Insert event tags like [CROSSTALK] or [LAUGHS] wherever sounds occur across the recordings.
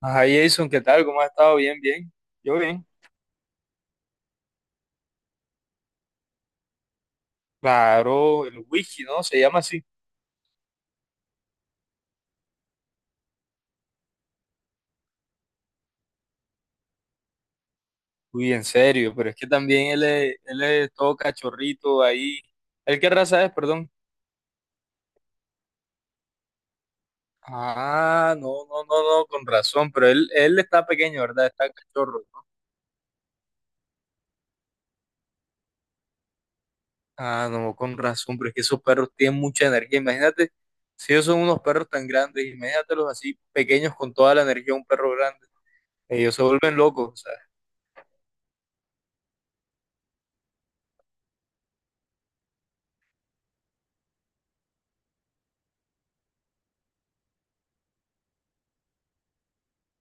Ajá, Jason, ¿qué tal? ¿Cómo has estado? Bien, bien. Yo bien. Claro, el Whisky, ¿no? Se llama así. Uy, en serio, pero es que también él es todo cachorrito ahí. ¿Él qué raza es, perdón? Ah, no, no, no, no, con razón, pero él está pequeño, ¿verdad? Está cachorro. Ah, no, con razón, pero es que esos perros tienen mucha energía. Imagínate, si ellos son unos perros tan grandes, imagínatelos así, pequeños con toda la energía de un perro grande. Ellos se vuelven locos, o sea.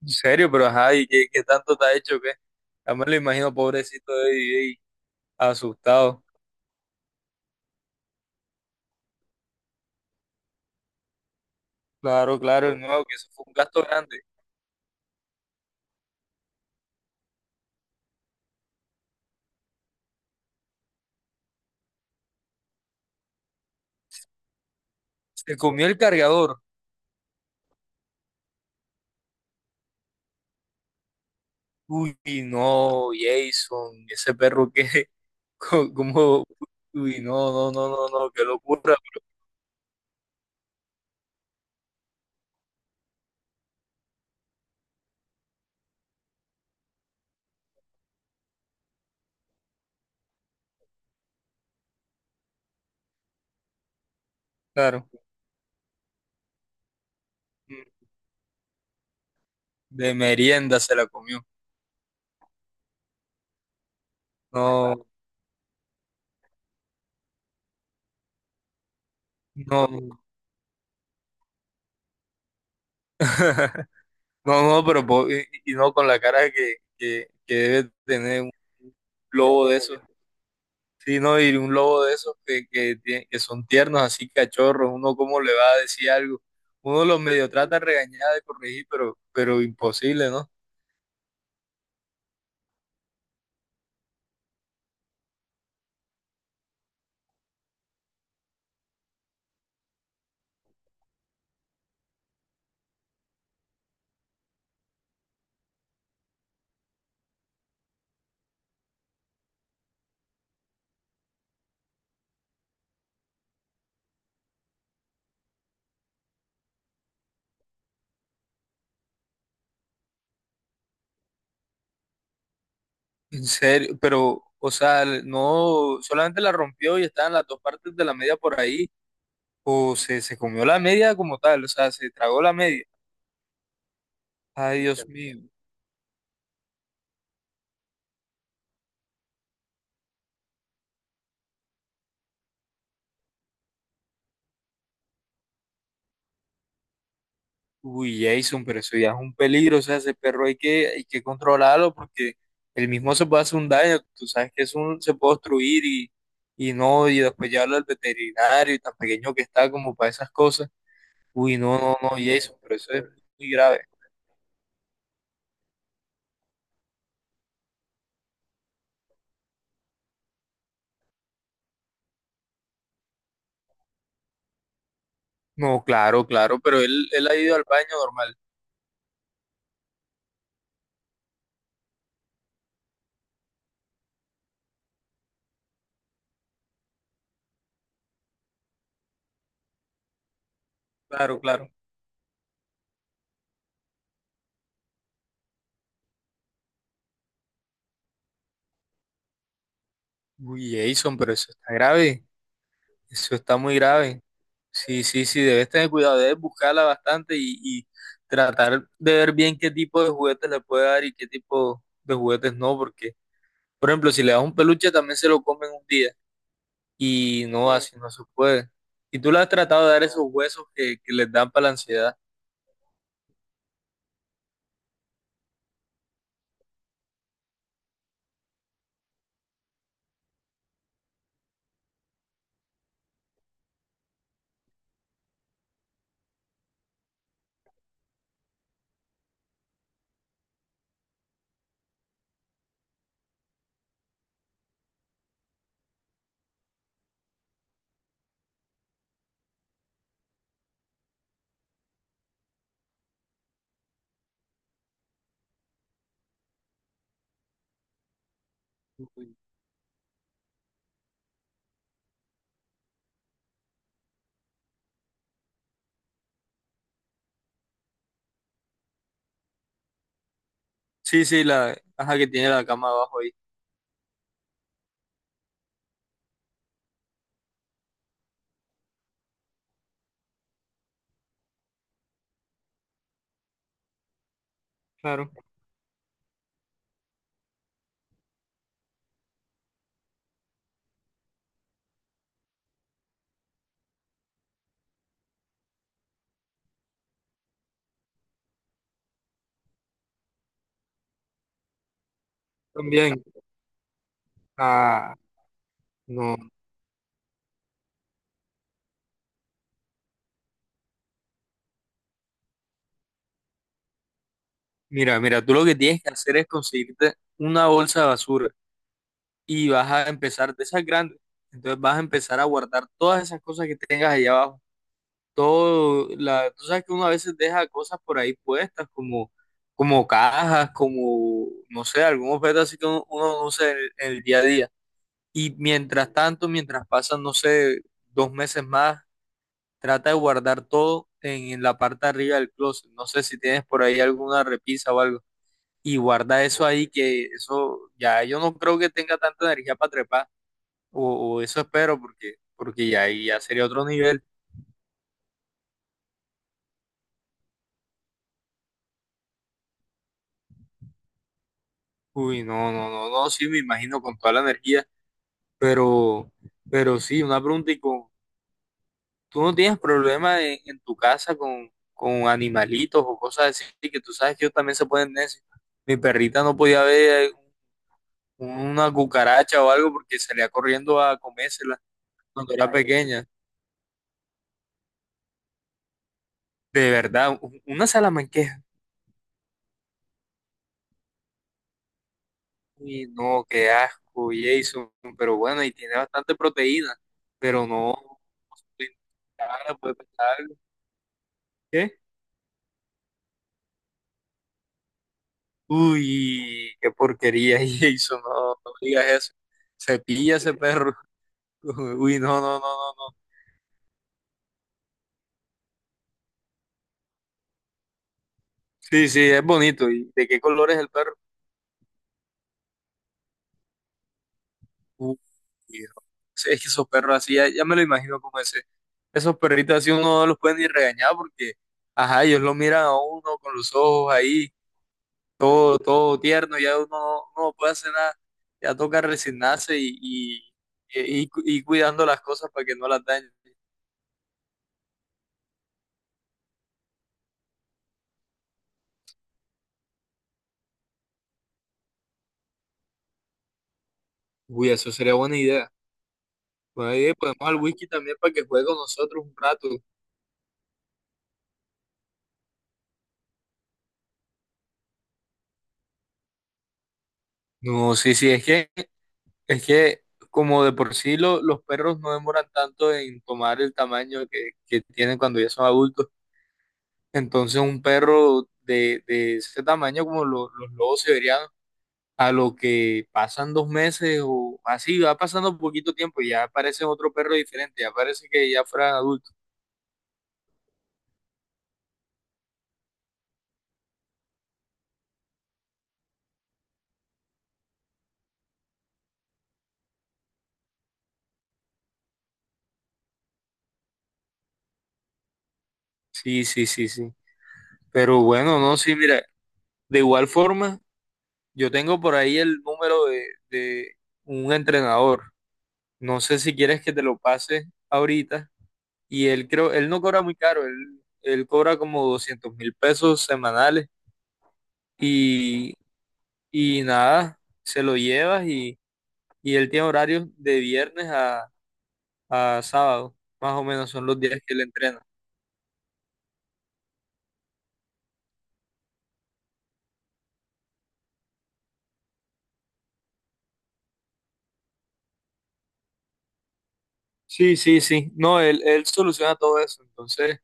En serio, pero ajá, ¿y qué tanto te ha hecho que? Ya me lo imagino, pobrecito de DJ, asustado. Claro, claro, no, que eso fue un gasto grande. Se comió el cargador. Uy, no, Jason, ese perro que, [LAUGHS] como, uy, no, no, no, no, no, qué locura. Claro, de merienda se la comió. No, no, [LAUGHS] no, no, pero y no con la cara que debe tener un lobo de eso. Sí, no, y un lobo de esos que son tiernos, así cachorros, uno cómo le va a decir algo. Uno los medio trata de regañar, de corregir, pero imposible, ¿no? [LAUGHS] En serio, pero, o sea, no, solamente la rompió y estaban las dos partes de la media por ahí, o se comió la media como tal, o sea, se tragó la media. Ay, Dios mío. Uy, Jason, pero eso ya es un peligro, o sea, ese perro hay que controlarlo porque el mismo se puede hacer un daño, tú sabes que es un, se puede obstruir y no, y después llevarlo al veterinario y tan pequeño que está como para esas cosas. Uy, no, no, no, Jason, pero eso es muy grave. No, claro, claro, pero él ha ido al baño normal, claro, claro. Uy, Jason, pero eso está grave, eso está muy grave. Sí, sí, sí, debes tener cuidado, debes buscarla bastante y tratar de ver bien qué tipo de juguetes le puede dar y qué tipo de juguetes no, porque, por ejemplo, si le das un peluche también se lo comen un día y no, sí, así no se puede. Y tú le has tratado de dar esos huesos que les dan para la ansiedad. Uy, sí, sí, la caja que tiene la cama abajo ahí. Claro. También. Ah, no. Mira, mira, tú lo que tienes que hacer es conseguirte una bolsa de basura y vas a empezar de esas grandes. Entonces vas a empezar a guardar todas esas cosas que tengas allá abajo. Todo, la, tú sabes que uno a veces deja cosas por ahí puestas, como cajas, como, no sé, algún objeto así que uno no usa en el día a día. Y mientras tanto, mientras pasan, no sé, 2 meses más, trata de guardar todo en la parte de arriba del closet. No sé si tienes por ahí alguna repisa o algo. Y guarda eso ahí, que eso ya yo no creo que tenga tanta energía para trepar. O eso espero, porque ya ahí ya sería otro nivel. Uy, no, no, no, no, sí, me imagino con toda la energía, pero, pero sí, una pregunta, y con, ¿tú no tienes problema en tu casa con animalitos o cosas así? Que tú sabes que ellos también se pueden necios. Mi perrita no podía ver una cucaracha o algo porque salía corriendo a comérsela cuando era pequeña. De verdad, una salamanquesa. Uy, no, qué asco, Jason, pero bueno, y tiene bastante proteína, pero no, cara, puede pesar, algo. ¿Qué? Uy, qué porquería, [LAUGHS] Jason, no, no digas eso, se pilla ese perro, [LAUGHS] uy, no, no, no, no, no, sí, sí, es bonito. ¿Y de qué color es el perro? Uy, no. Sí, es que esos perros así, ya, ya me lo imagino como ese, esos perritos así uno no los puede ni regañar porque, ajá, ellos lo miran a uno con los ojos ahí todo, todo tierno, ya uno, no puede hacer nada, ya toca resignarse y, y cuidando las cosas para que no las dañen. Uy, eso sería buena idea. Buena idea, podemos al Whisky también para que juegue con nosotros un rato. No, sí, sí, es que como de por sí los perros no demoran tanto en tomar el tamaño que tienen cuando ya son adultos. Entonces un perro de ese tamaño como los lobos siberianos a lo que pasan 2 meses o así, va pasando poquito tiempo y ya aparece otro perro diferente, ya parece que ya fueran adultos. Sí, sí, sí, sí. Pero bueno, no, sí, mira, de igual forma, yo tengo por ahí el número de un entrenador. No sé si quieres que te lo pase ahorita. Y él creo, él no cobra muy caro, él cobra como 200.000 pesos semanales. Y, y nada, se lo llevas y él tiene horarios de viernes a sábado, más o menos son los días que él entrena. Sí, sí, sí. No, él soluciona todo eso. Entonces,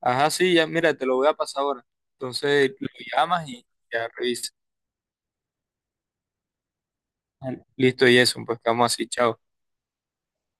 ajá, sí, ya, mira, te lo voy a pasar ahora. Entonces, lo llamas y ya revisas. Listo, y eso, pues quedamos así, chao.